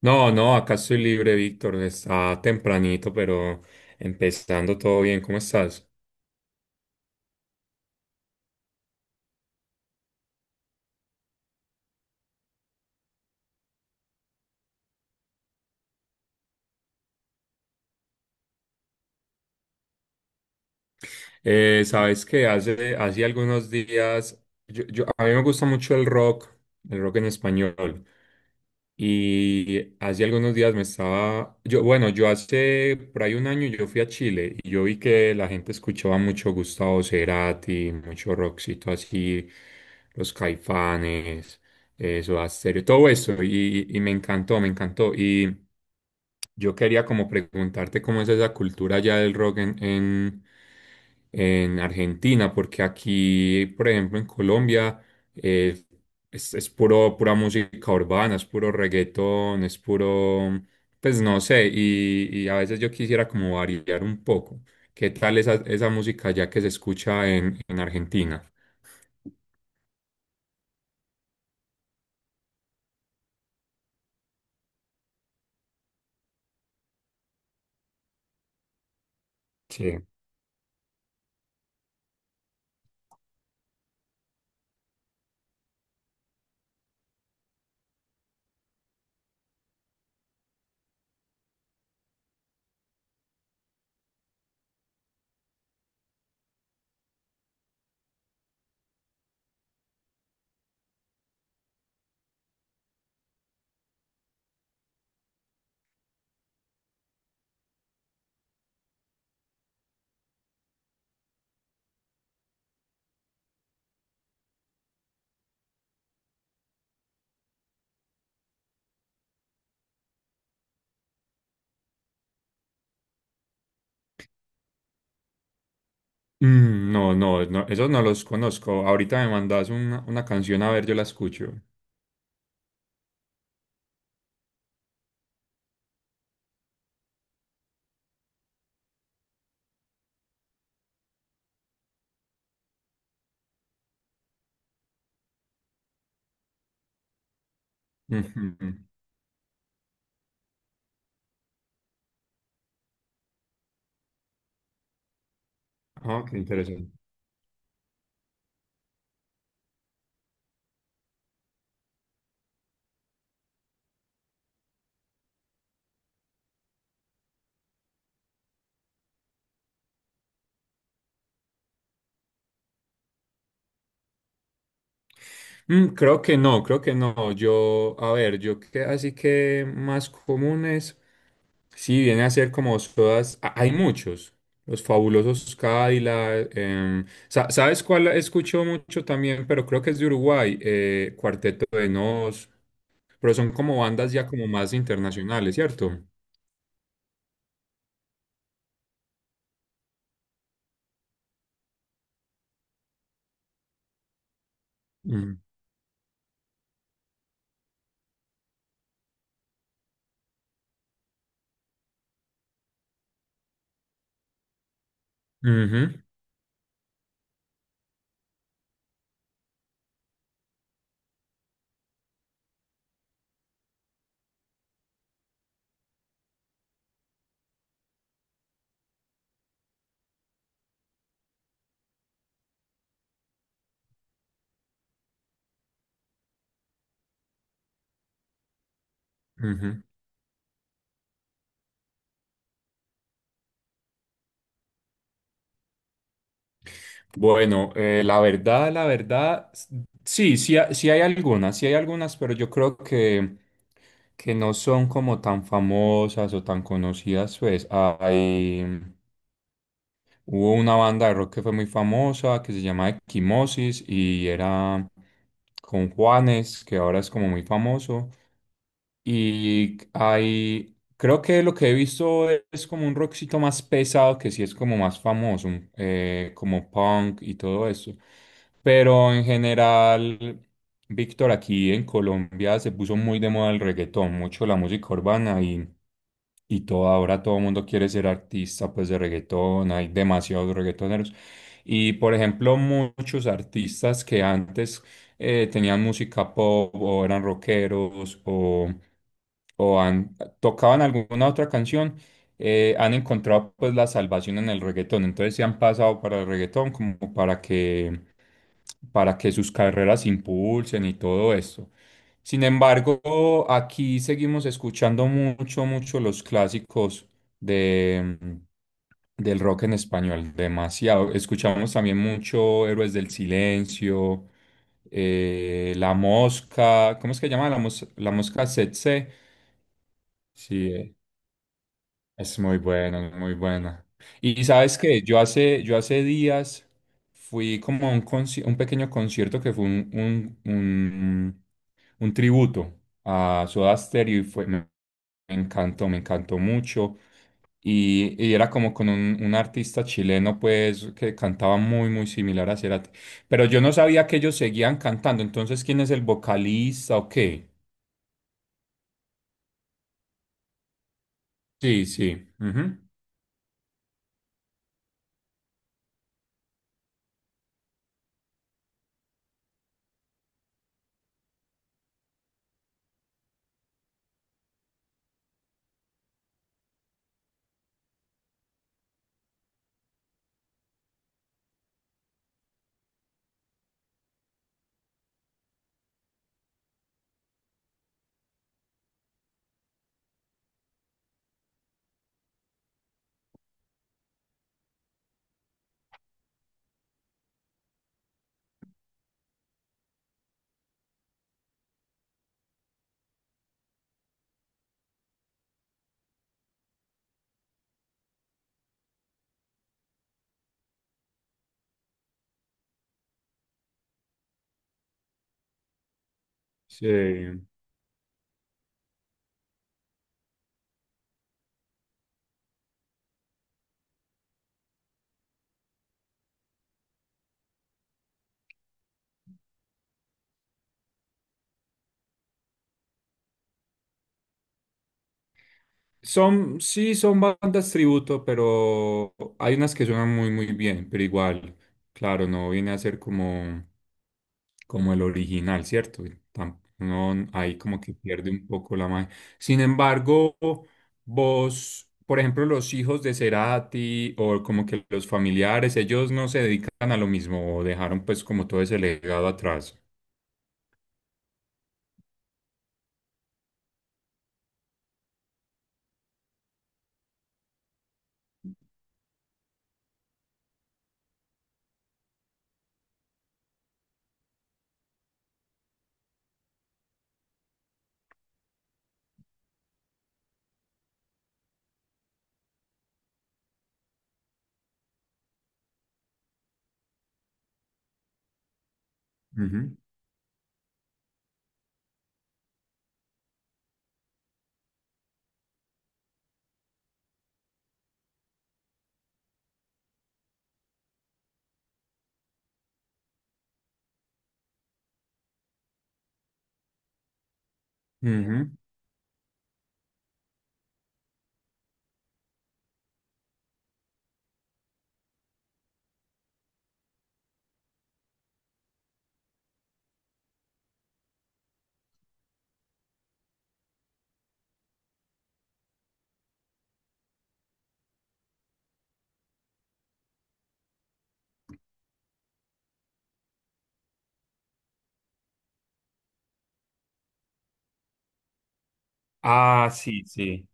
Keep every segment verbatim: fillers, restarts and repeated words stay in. No, no, acá estoy libre, Víctor. Está tempranito, pero empezando todo bien. ¿Cómo estás? Eh, sabes que hace, hace algunos días, yo, yo- a mí me gusta mucho el rock, el rock en español. Y hace algunos días me estaba, yo, bueno, yo hace por ahí un año yo fui a Chile y yo vi que la gente escuchaba mucho Gustavo Cerati, mucho rockcito así, los Caifanes, eso, Soda Stereo, todo eso y, y me encantó, me encantó. Y yo quería como preguntarte cómo es esa cultura ya del rock en, en, en Argentina, porque aquí, por ejemplo, en Colombia eh, es, es puro, pura música urbana, es puro reggaetón, es puro, pues no sé, y, y a veces yo quisiera como variar un poco. ¿Qué tal esa, esa música ya que se escucha en, en Argentina? Sí. Mm, no, no, no, esos no los conozco. Ahorita me mandas una, una canción a ver, yo la escucho. Ujú. Ah, qué interesante. Mm, creo que no, creo que no. Yo, a ver, yo que así que más comunes. Sí, viene a ser como todas, a- hay muchos, los fabulosos Cadillac, em, sa- ¿sabes cuál escucho mucho también? Pero creo que es de Uruguay, eh, Cuarteto de Nos, pero son como bandas ya como más internacionales, ¿cierto? Mm, ujú, ujú. Bueno, eh, la verdad, la verdad, s- sí, sí, ha- sí hay algunas, sí hay algunas, pero yo creo que, que no son como tan famosas o tan conocidas, pues hay... Hubo una banda de rock que fue muy famosa que se llama Equimosis y era con Juanes, que ahora es como muy famoso. Y hay, creo que lo que he visto es como un rockcito más pesado, que sí es como más famoso, mm, eh, como punk y todo eso. Pero en general, Víctor, aquí en Colombia se puso muy de moda el reggaetón, mucho la música urbana y, y todo, ahora todo el mundo quiere ser artista pues de reggaetón, hay demasiados reggaetoneros. Y por ejemplo, muchos artistas que antes eh, tenían música pop o eran rockeros o, o han- tocaban alguna otra canción, eh, han encontrado pues la salvación en el reggaetón. Entonces se han pasado para el reggaetón como para que para que sus carreras se impulsen y todo esto. Sin embargo, aquí seguimos escuchando mucho, mucho los clásicos de, mm, del rock en español, demasiado. Escuchamos también mucho Héroes del Silencio, eh, La Mosca, ¿cómo es que llama? La, mos- la Mosca Tsetse. Sí, eh, es muy bueno, muy buena. Y sabes que yo hace, yo hace días fui como a un, conci- un pequeño concierto que fue un, un, un, un tributo a Soda Stereo y fue, me, me encantó, me encantó mucho. Y, y era como con un, un artista chileno, pues, que cantaba muy, muy similar a Cerati. Pero yo no sabía que ellos seguían cantando. Entonces, ¿quién es el vocalista o qué? Sí, sí. Ujú. Sí. Son, sí, son bandas tributo, pero hay unas que suenan muy, muy bien, pero igual, claro, no viene a ser como, como el original, ¿cierto? Tam- No, ahí como que pierde un poco la magia. Sin embargo, vos, por ejemplo, los hijos de Cerati o como que los familiares, ellos no se dedican a lo mismo o dejaron pues como todo ese legado atrás. Ujú, ujú. Ah, sí, sí.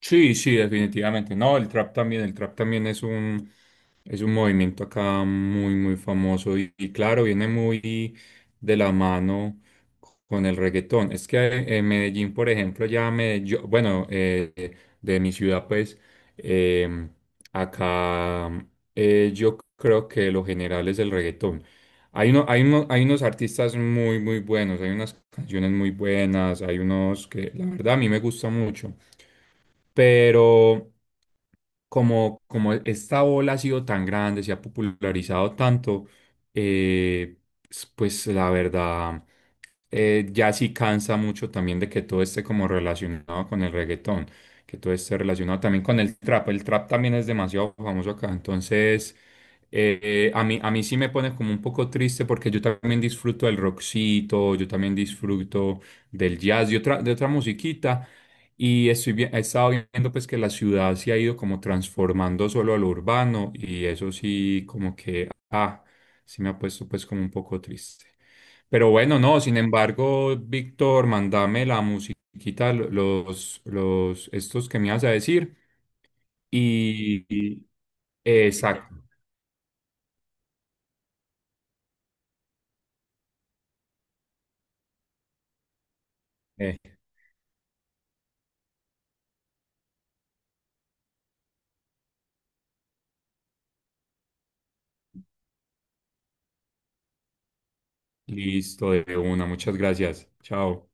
Sí, sí, definitivamente. No, el trap también, el trap también es un, es un movimiento acá muy, muy famoso y, y claro, viene muy de la mano con el reggaetón. Es que eh, en Medellín, por ejemplo, ya me, yo- bueno, eh, de mi ciudad, pues, eh, acá eh, yo creo que lo general es el reggaetón. Hay uno, hay uno- hay unos artistas muy, muy buenos, hay unas canciones muy buenas, hay unos que la verdad a mí me gusta mucho pero como, como esta ola ha sido tan grande, se ha popularizado tanto, eh, s- pues la verdad, eh, ya sí cansa mucho también de que todo esté como relacionado con el reggaetón, que todo esté relacionado también con el trap. El trap también es demasiado famoso acá, entonces eh, a mí, a mí sí me pone como un poco triste porque yo también disfruto del rockcito, yo también disfruto del jazz y otra, de otra musiquita. Y estoy bien, he estado viendo pues que la ciudad se ha ido como transformando solo a lo urbano y eso sí como que, ah, sí me ha puesto pues como un poco triste. Pero bueno, no, sin embargo, Víctor, mandame la musiquita, lo- los, los, estos que me ibas a decir y, y- exacto, eh, listo, de una, muchas gracias, chao.